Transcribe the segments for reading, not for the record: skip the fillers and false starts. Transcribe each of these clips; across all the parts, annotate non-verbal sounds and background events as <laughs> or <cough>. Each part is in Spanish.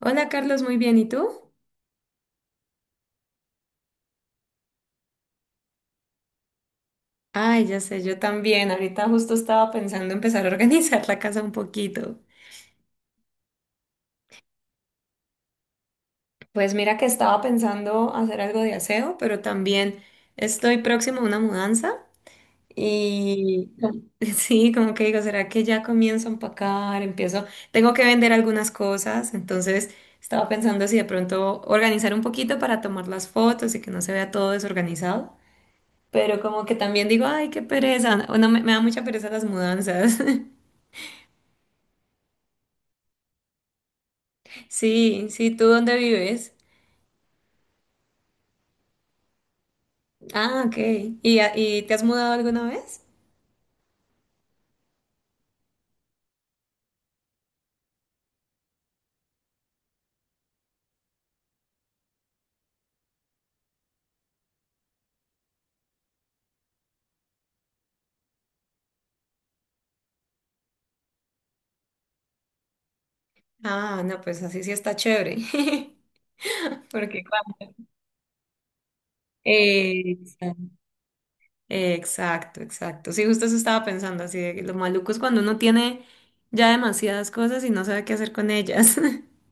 Hola Carlos, muy bien, ¿y tú? Ay, ya sé, yo también. Ahorita justo estaba pensando empezar a organizar la casa un poquito. Pues mira que estaba pensando hacer algo de aseo, pero también estoy próximo a una mudanza y <laughs> sí, como que digo, ¿será que ya comienzo a empacar? Empiezo, tengo que vender algunas cosas, entonces estaba pensando si de pronto organizar un poquito para tomar las fotos y que no se vea todo desorganizado. Pero como que también digo, ay, qué pereza, o no, me da mucha pereza las mudanzas. <laughs> Sí, sí, ¿tú dónde vives? Ah, ok. ¿Y, y te has mudado alguna vez? Ah, no, pues así sí está chévere. <laughs> Porque claro. Eh, Exacto, exacto. Sí, justo eso estaba pensando, así de que lo maluco es cuando uno tiene ya demasiadas cosas y no sabe qué hacer con ellas. <laughs>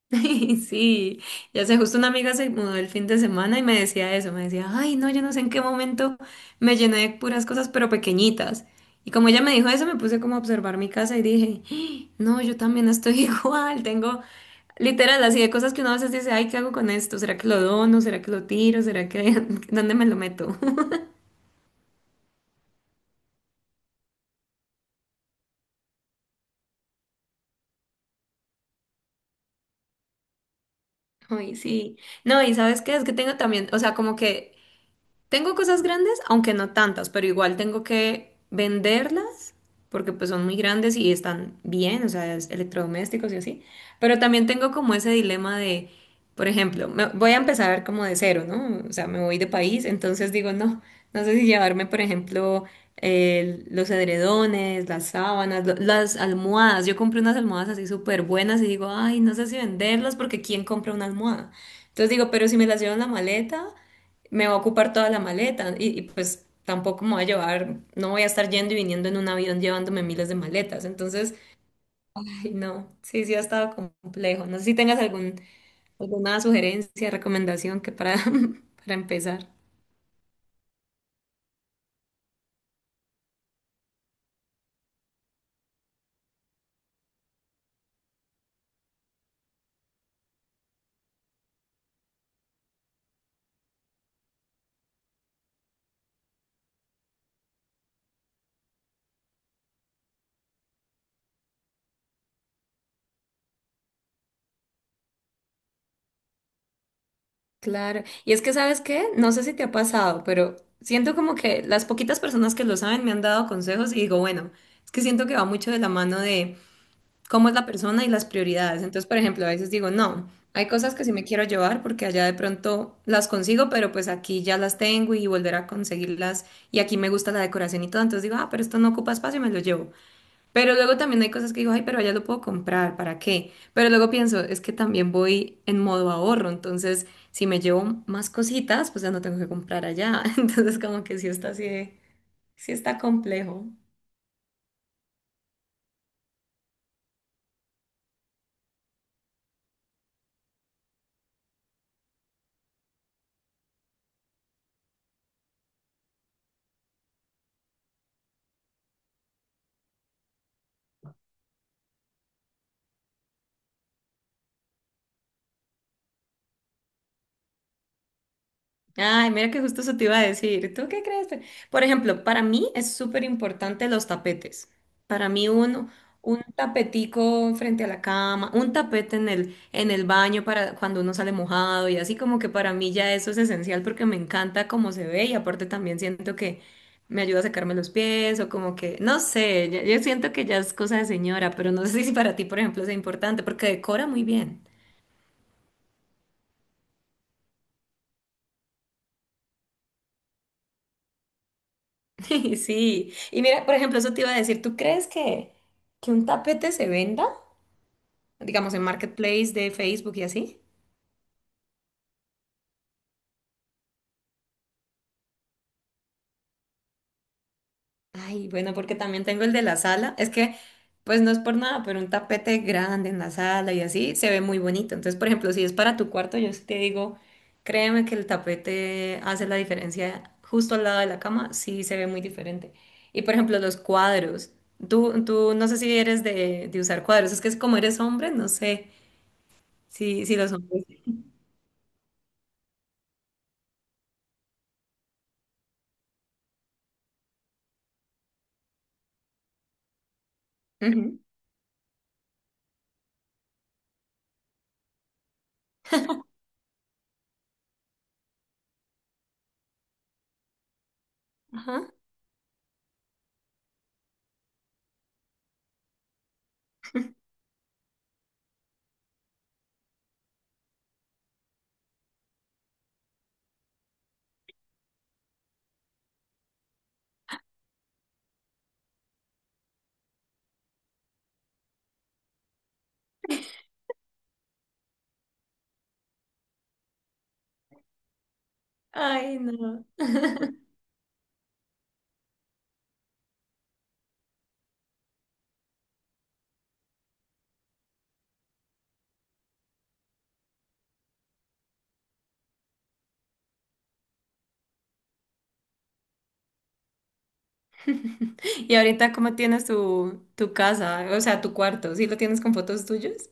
<laughs> Sí, ya sé, justo una amiga se mudó el fin de semana y me decía eso, me decía, ay, no, yo no sé en qué momento me llené de puras cosas, pero pequeñitas. Y como ella me dijo eso, me puse como a observar mi casa y dije, "Ah, no, yo también estoy <laughs> igual, tengo literal así de cosas que uno a veces dice, ay, ¿qué hago con esto? ¿Será que lo dono? ¿Será que lo tiro? ¿Será que <laughs> dónde me lo meto?" <laughs> Ay, sí. No, y sabes qué, es que tengo también, o sea, como que tengo cosas grandes, aunque no tantas, pero igual tengo que venderlas porque pues son muy grandes y están bien, o sea, es electrodomésticos y así. Pero también tengo como ese dilema de, por ejemplo, voy a empezar como de cero, ¿no? O sea, me voy de país, entonces digo, no, no sé si llevarme, por ejemplo, los edredones, las sábanas, las almohadas. Yo compré unas almohadas así súper buenas y digo, ay, no sé si venderlas porque ¿quién compra una almohada? Entonces digo, pero si me las llevo en la maleta me va a ocupar toda la maleta y pues tampoco me voy a llevar, no voy a estar yendo y viniendo en un avión llevándome miles de maletas. Entonces, ay, no, sí, sí ha estado complejo. No sé si tengas alguna sugerencia, recomendación que para, <laughs> para empezar. Claro, y es que sabes qué, no sé si te ha pasado, pero siento como que las poquitas personas que lo saben me han dado consejos y digo, bueno, es que siento que va mucho de la mano de cómo es la persona y las prioridades. Entonces, por ejemplo, a veces digo, no, hay cosas que sí me quiero llevar porque allá de pronto las consigo, pero pues aquí ya las tengo y volver a conseguirlas y aquí me gusta la decoración y todo. Entonces digo, ah, pero esto no ocupa espacio y me lo llevo. Pero luego también hay cosas que digo, ay, pero allá lo puedo comprar, ¿para qué? Pero luego pienso, es que también voy en modo ahorro, entonces si me llevo más cositas, pues ya no tengo que comprar allá. <laughs> Entonces como que sí está así, sí está complejo. Ay, mira que justo eso te iba a decir. ¿Tú qué crees? Por ejemplo, para mí es súper importante los tapetes. Para mí un, un tapetico frente a la cama, un tapete en en el baño para cuando uno sale mojado y así como que para mí ya eso es esencial porque me encanta cómo se ve y aparte también siento que me ayuda a secarme los pies o como que, no sé, yo siento que ya es cosa de señora, pero no sé si para ti, por ejemplo, es importante porque decora muy bien. <laughs> Sí, y mira, por ejemplo, eso te iba a decir, que un tapete se venda? Digamos, en Marketplace de Facebook y así. Ay, bueno, porque también tengo el de la sala. Es que, pues no es por nada, pero un tapete grande en la sala y así se ve muy bonito. Entonces, por ejemplo, si es para tu cuarto, yo sí te digo, créeme que el tapete hace la diferencia justo al lado de la cama, sí se ve muy diferente. Y por ejemplo, los cuadros. Tú no sé si eres de usar cuadros, es que es como eres hombre, no sé. Si los hombres. Ujú. Ajá. Ay, no. <laughs> Y ahorita, ¿cómo tienes tu casa? O sea, tu cuarto. ¿Sí lo tienes con fotos tuyas?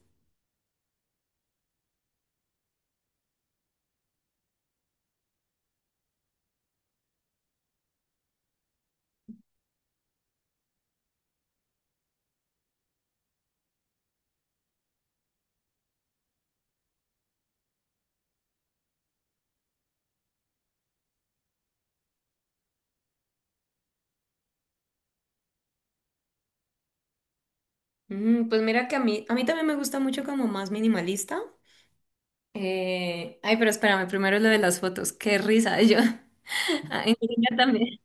Mm, pues mira que a mí también me gusta mucho como más minimalista. Ay, pero espérame, primero lo de las fotos. Qué risa, yo. <laughs> Ay, niña también.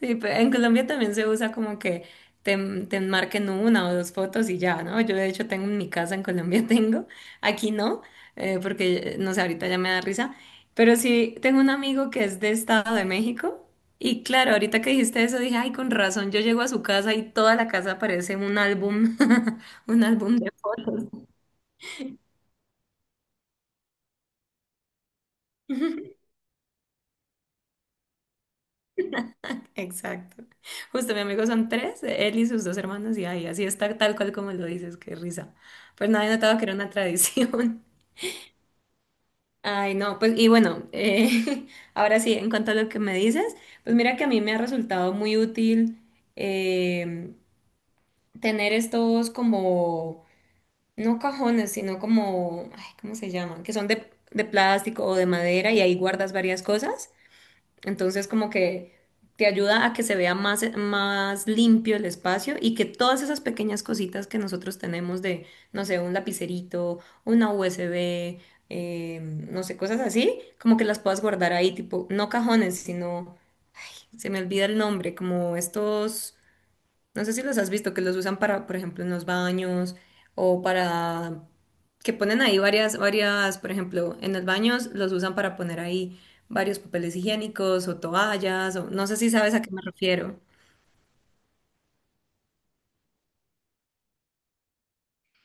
Sí, en Colombia también se usa como que te, te marquen una o dos fotos y ya, ¿no? Yo de hecho tengo en mi casa, en Colombia <laughs> tengo, aquí no, porque no sé, ahorita ya me da risa, pero sí tengo un amigo que es de Estado de México y claro, ahorita que dijiste eso dije, ay, con razón, yo llego a su casa y toda la casa parece un álbum, <laughs> un álbum de fotos. <laughs> Exacto. Justo, mi amigo son tres, él y sus dos hermanos, y ahí así está tal cual como lo dices, qué risa. Pues nadie notaba que era una <laughs> tradición. Ay, no, pues y bueno, <laughs> ahora sí, en cuanto a lo que me dices, pues mira que a mí me ha resultado muy útil em, tener estos como, no cajones, sino como, ay, ¿cómo se llaman? Que son de plástico o de madera y ahí guardas varias cosas. Entonces, como que te ayuda a que se vea más limpio el espacio y que todas esas pequeñas cositas que nosotros tenemos de, no sé, un lapicerito, una USB, eh, no sé, cosas así, como que las puedas guardar ahí, tipo, no cajones, sino, se me olvida el nombre, como estos no sé si los has visto, que los usan para, por ejemplo, en los baños o para que ponen ahí varias, por ejemplo, en los baños los usan para poner ahí varios papeles higiénicos o toallas, o no sé si sabes a qué me refiero.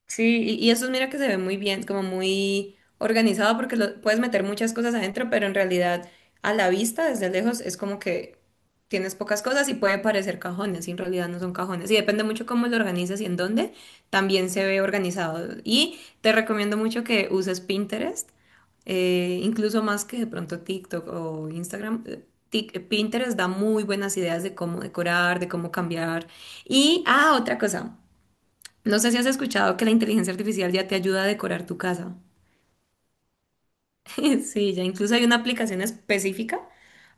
Sí, y eso mira que se ve muy bien, como muy organizado porque lo, puedes meter muchas cosas adentro, pero en realidad a la vista, desde lejos, es como que tienes pocas cosas y puede parecer cajones, y en realidad no son cajones. Y depende mucho cómo lo organizas y en dónde, también se ve organizado. Y te recomiendo mucho que uses Pinterest, incluso más que de pronto TikTok o Instagram. Pinterest da muy buenas ideas de cómo decorar, de cómo cambiar. Y, ah, otra cosa. No sé si has escuchado que la inteligencia artificial ya te ayuda a decorar tu casa. <laughs> Sí, ya incluso hay una aplicación específica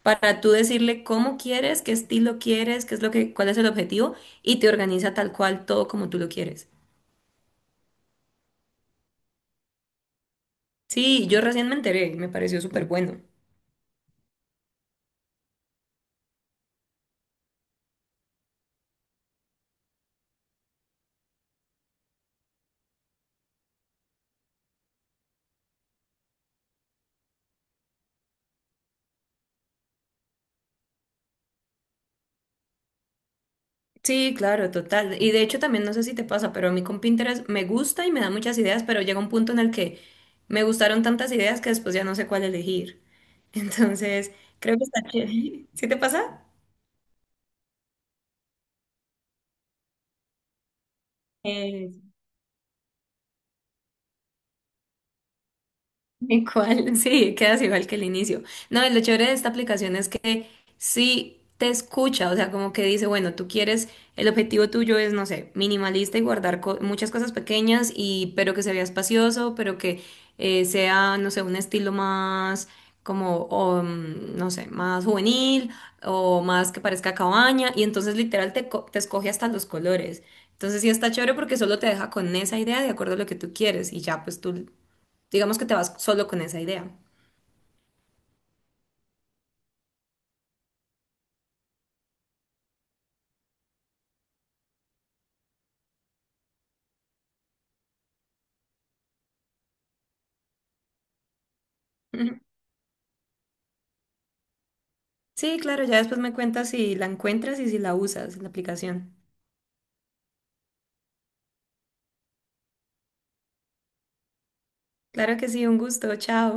para tú decirle cómo quieres, qué estilo quieres, qué es lo que, cuál es el objetivo y te organiza tal cual todo como tú lo quieres. Sí, yo recién me enteré, me pareció súper bueno. Sí, claro, total. Y de hecho también no sé si te pasa, pero a mí con Pinterest me gusta y me da muchas ideas, pero llega un punto en el que me gustaron tantas ideas que después ya no sé cuál elegir. <laughs> Entonces, creo que está chévere. <laughs> ¿Sí te pasa? Igual, <laughs> sí, quedas igual que el inicio. No, y lo chévere de esta aplicación es que sí te escucha, o sea, como que dice, bueno, tú quieres, el objetivo tuyo es, no sé, minimalista y guardar muchas cosas pequeñas pero que se vea espacioso, pero que sea, no sé, un estilo más como, no sé, más juvenil o más que parezca cabaña y entonces literal te escoge hasta los colores. Entonces sí está chévere porque solo te deja con esa idea de acuerdo a lo que tú quieres y ya pues tú digamos que te vas solo con esa idea. Ujú. Sí, claro, ya después me cuentas si la encuentras y si la usas, la aplicación. Claro que sí, un gusto, chao.